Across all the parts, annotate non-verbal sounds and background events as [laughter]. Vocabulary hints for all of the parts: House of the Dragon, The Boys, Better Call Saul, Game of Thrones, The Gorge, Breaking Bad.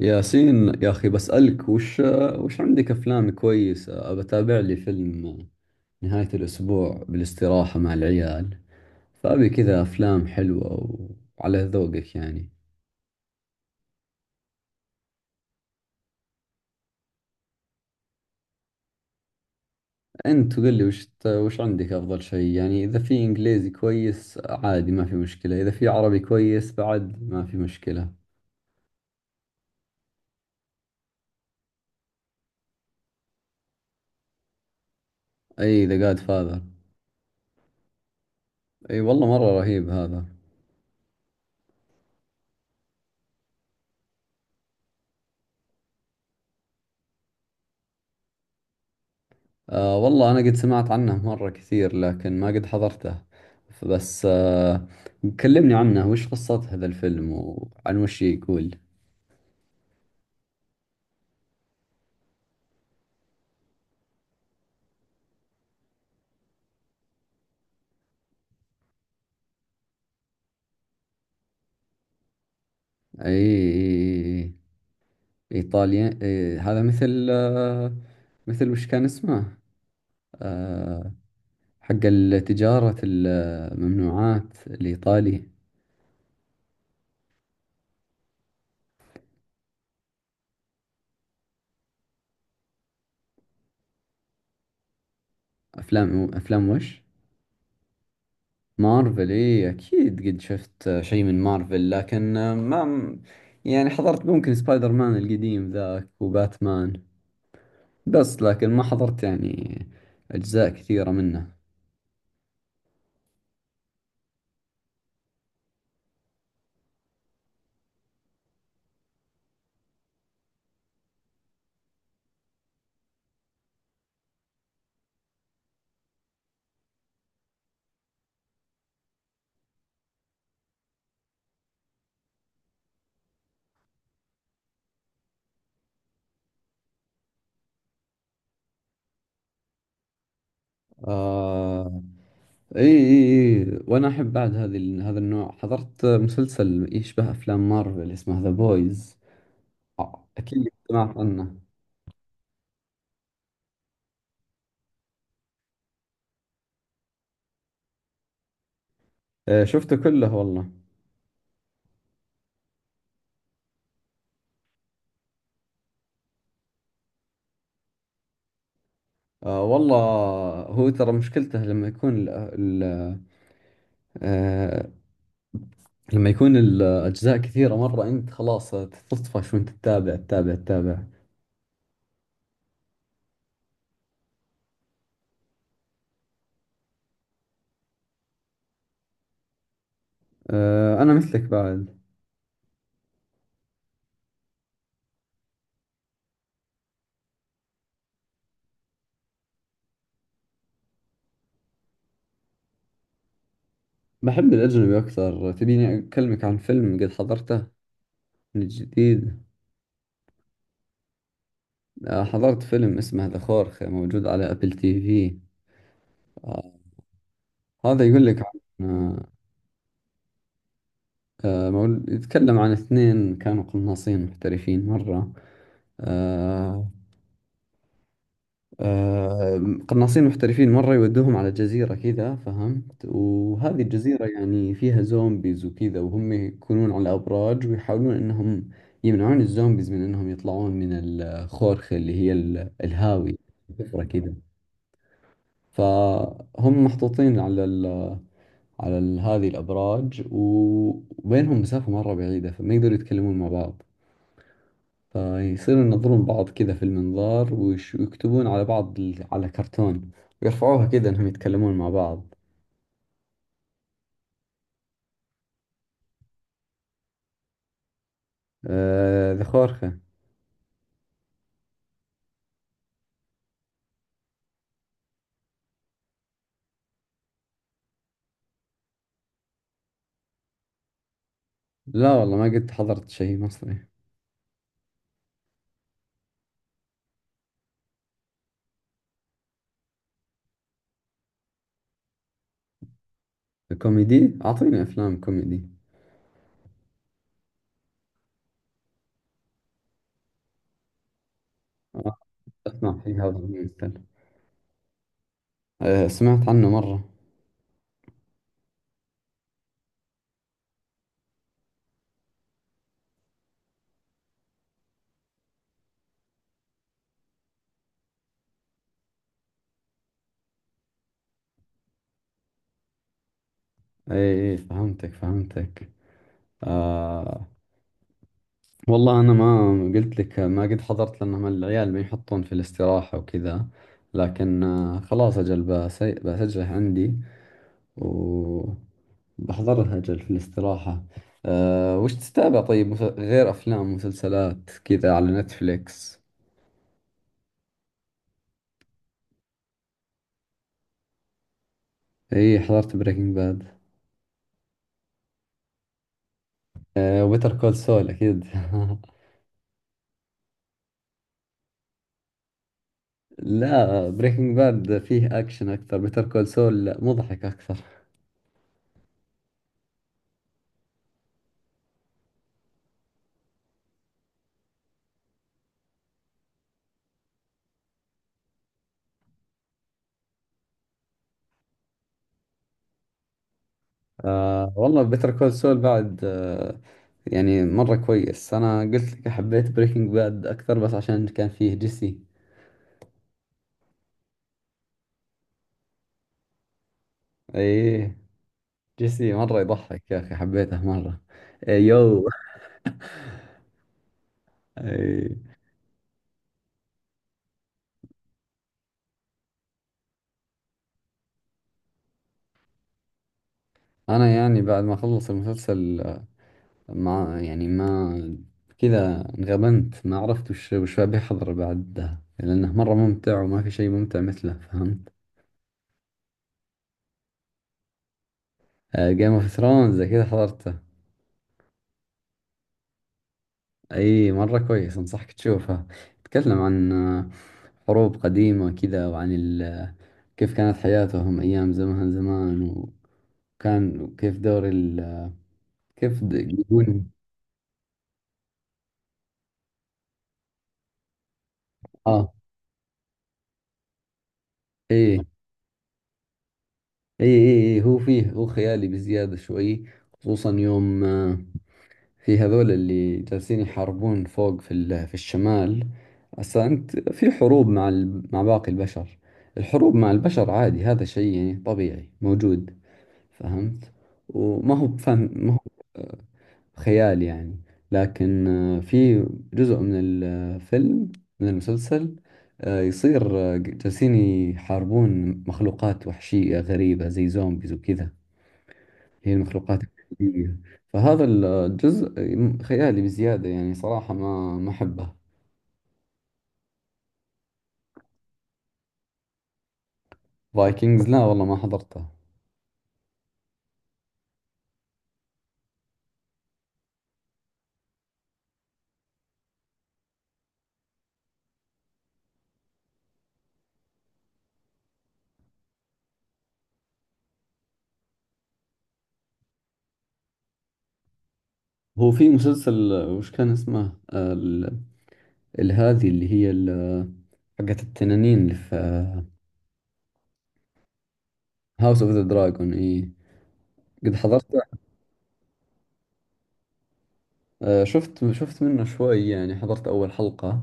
ياسين يا أخي، بسألك وش عندك أفلام كويسة؟ أبى أتابع لي فيلم نهاية الأسبوع بالاستراحة مع العيال، فأبي كذا أفلام حلوة وعلى ذوقك يعني. أنت قل لي وش عندك أفضل شيء، يعني إذا في إنجليزي كويس عادي ما في مشكلة، إذا في عربي كويس بعد ما في مشكلة. أي ذا جاد فاذر. أي والله، مرة رهيب هذا. آه والله، أنا قد سمعت عنه مرة كثير، لكن ما قد حضرته. بس. كلمني عنه، وش قصته هذا الفيلم وعن وش يقول؟ أي أي. إيطاليا، أي هذا مثل وش كان اسمه، آه حق التجارة الممنوعات الإيطالي. أفلام وش؟ مارفل، ايه اكيد قد شفت شيء من مارفل، لكن ما يعني حضرت. ممكن سبايدر مان القديم ذاك وباتمان، بس لكن ما حضرت يعني اجزاء كثيرة منه. آه. اي اي اي، وانا احب بعد هذا النوع. حضرت مسلسل يشبه افلام مارفل اسمه ذا بويز، اكيد سمعت عنه. آه، شفته كله والله. آه والله، هو ترى مشكلته لما يكون ال- آه، لما يكون الأجزاء كثيرة مرة، أنت خلاص تطفش وأنت تتابع تتابع تتابع. أه، أنا مثلك بعد. بحب الأجنبي أكثر. تبيني أكلمك عن فيلم قد حضرته من الجديد؟ أه، حضرت فيلم اسمه ذا خورخة، موجود على أبل تي في. أه. هذا يقول لك عن أه يتكلم عن اثنين كانوا قناصين محترفين مرة. أه. آه، قناصين محترفين مرة، يودوهم على جزيرة كذا فهمت، وهذه الجزيرة يعني فيها زومبيز وكذا، وهم يكونون على أبراج ويحاولون أنهم يمنعون الزومبيز من أنهم يطلعون من الخورخة اللي هي الهاوية، الحفرة كذا. فهم محطوطين على هذه الأبراج، و- وبينهم مسافة مرة بعيدة، فما يقدروا يتكلمون مع بعض، فيصيروا ينظرون بعض كذا في المنظار، ويكتبون على بعض على كرتون ويرفعوها كذا، انهم يتكلمون مع بعض. آه، ذا خورخة. لا والله، ما قد حضرت شيء مصري. كوميدي، أعطيني أفلام كوميدي. آه، أسمع في هذا الممثل. آه، سمعت عنه مرة. أي أي، فهمتك فهمتك. آه والله، أنا ما قلت لك ما قد حضرت لأنهم العيال ما يحطون في الاستراحة وكذا، لكن خلاص أجل بسجله عندي، وبحضرها أجل في الاستراحة. أه، وش تتابع طيب غير أفلام ومسلسلات كذا على نتفليكس؟ إي، حضرت بريكنج باد. أه، وبيتر كول سول أكيد [laughs] لا، بريكنج باد فيه أكشن أكثر، بيتر كول سول مضحك أكثر. أه والله، بيتر كول سول بعد. يعني مرة كويس، أنا قلت لك حبيت بريكنج باد أكثر بس عشان كان فيه جيسي. إيه، جيسي مرة يضحك يا أخي، حبيته مرة. إيه، يو. إيه. انا يعني بعد ما خلص المسلسل، ما يعني ما كذا انغبنت، ما عرفت وش أبي أحضر بعدها، لأنه مرة ممتع وما في شيء ممتع مثله فهمت. جيم اوف ثرونز زي كذا حضرته. أي، مرة كويس، أنصحك تشوفه. يتكلم عن حروب قديمة كذا، وعن كيف كانت حياتهم أيام زمان زمان، وكيف دور كيف يقولون. اه، ايه، اي اي اي، هو فيه هو خيالي بزيادة شوي. خصوصا يوم في هذول اللي جالسين يحاربون فوق في الشمال. هسا انت في حروب مع باقي البشر. الحروب مع البشر عادي، هذا شيء يعني طبيعي موجود فهمت، وما هو بفن، ما هو خيال يعني. لكن في جزء من الفيلم، من المسلسل، يصير جالسين يحاربون مخلوقات وحشية غريبة زي زومبيز وكذا، هي المخلوقات الحقيقية. فهذا الجزء خيالي بزيادة يعني، صراحة ما أحبه. فايكنجز، لا والله ما حضرته. هو في مسلسل وش كان اسمه، هذه اللي هي حقت التنانين اللي في. هاوس اوف ذا دراجون، اي قد حضرته. شفت منه شوي يعني، حضرت أول حلقة.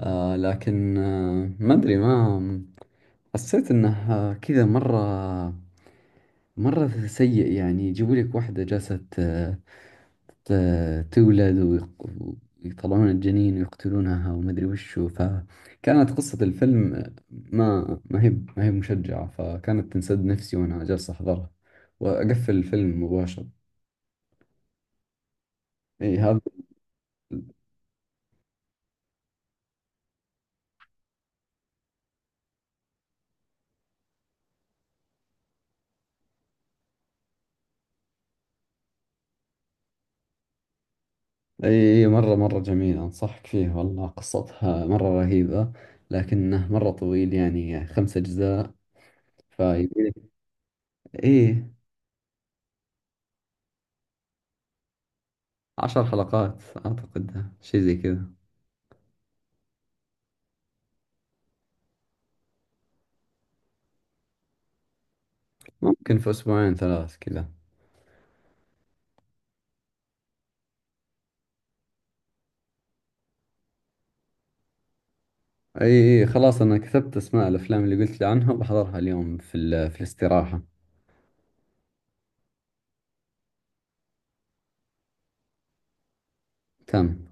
لكن ما أدري، ما حسيت إنه كذا مرة، مرة سيء يعني. يجيبوا لك واحدة جالسة تولد، ويطلعون الجنين ويقتلونها، وما ادري وشو فكانت قصة الفيلم. ما هي مشجعة، فكانت تنسد نفسي وانا جالس احضرها، واقفل الفيلم مباشر. اي، هذا. اي، مرة مرة جميل، انصحك فيه والله قصتها مرة رهيبة، لكنه مرة طويل، يعني 5 اجزاء فيبيلك. اي، 10 حلقات اعتقد، شيء زي كذا. ممكن في اسبوعين ثلاث كذا. اي إي، خلاص انا كتبت اسماء الافلام اللي قلت لي عنها، بحضرها اليوم في الاستراحة. تمام.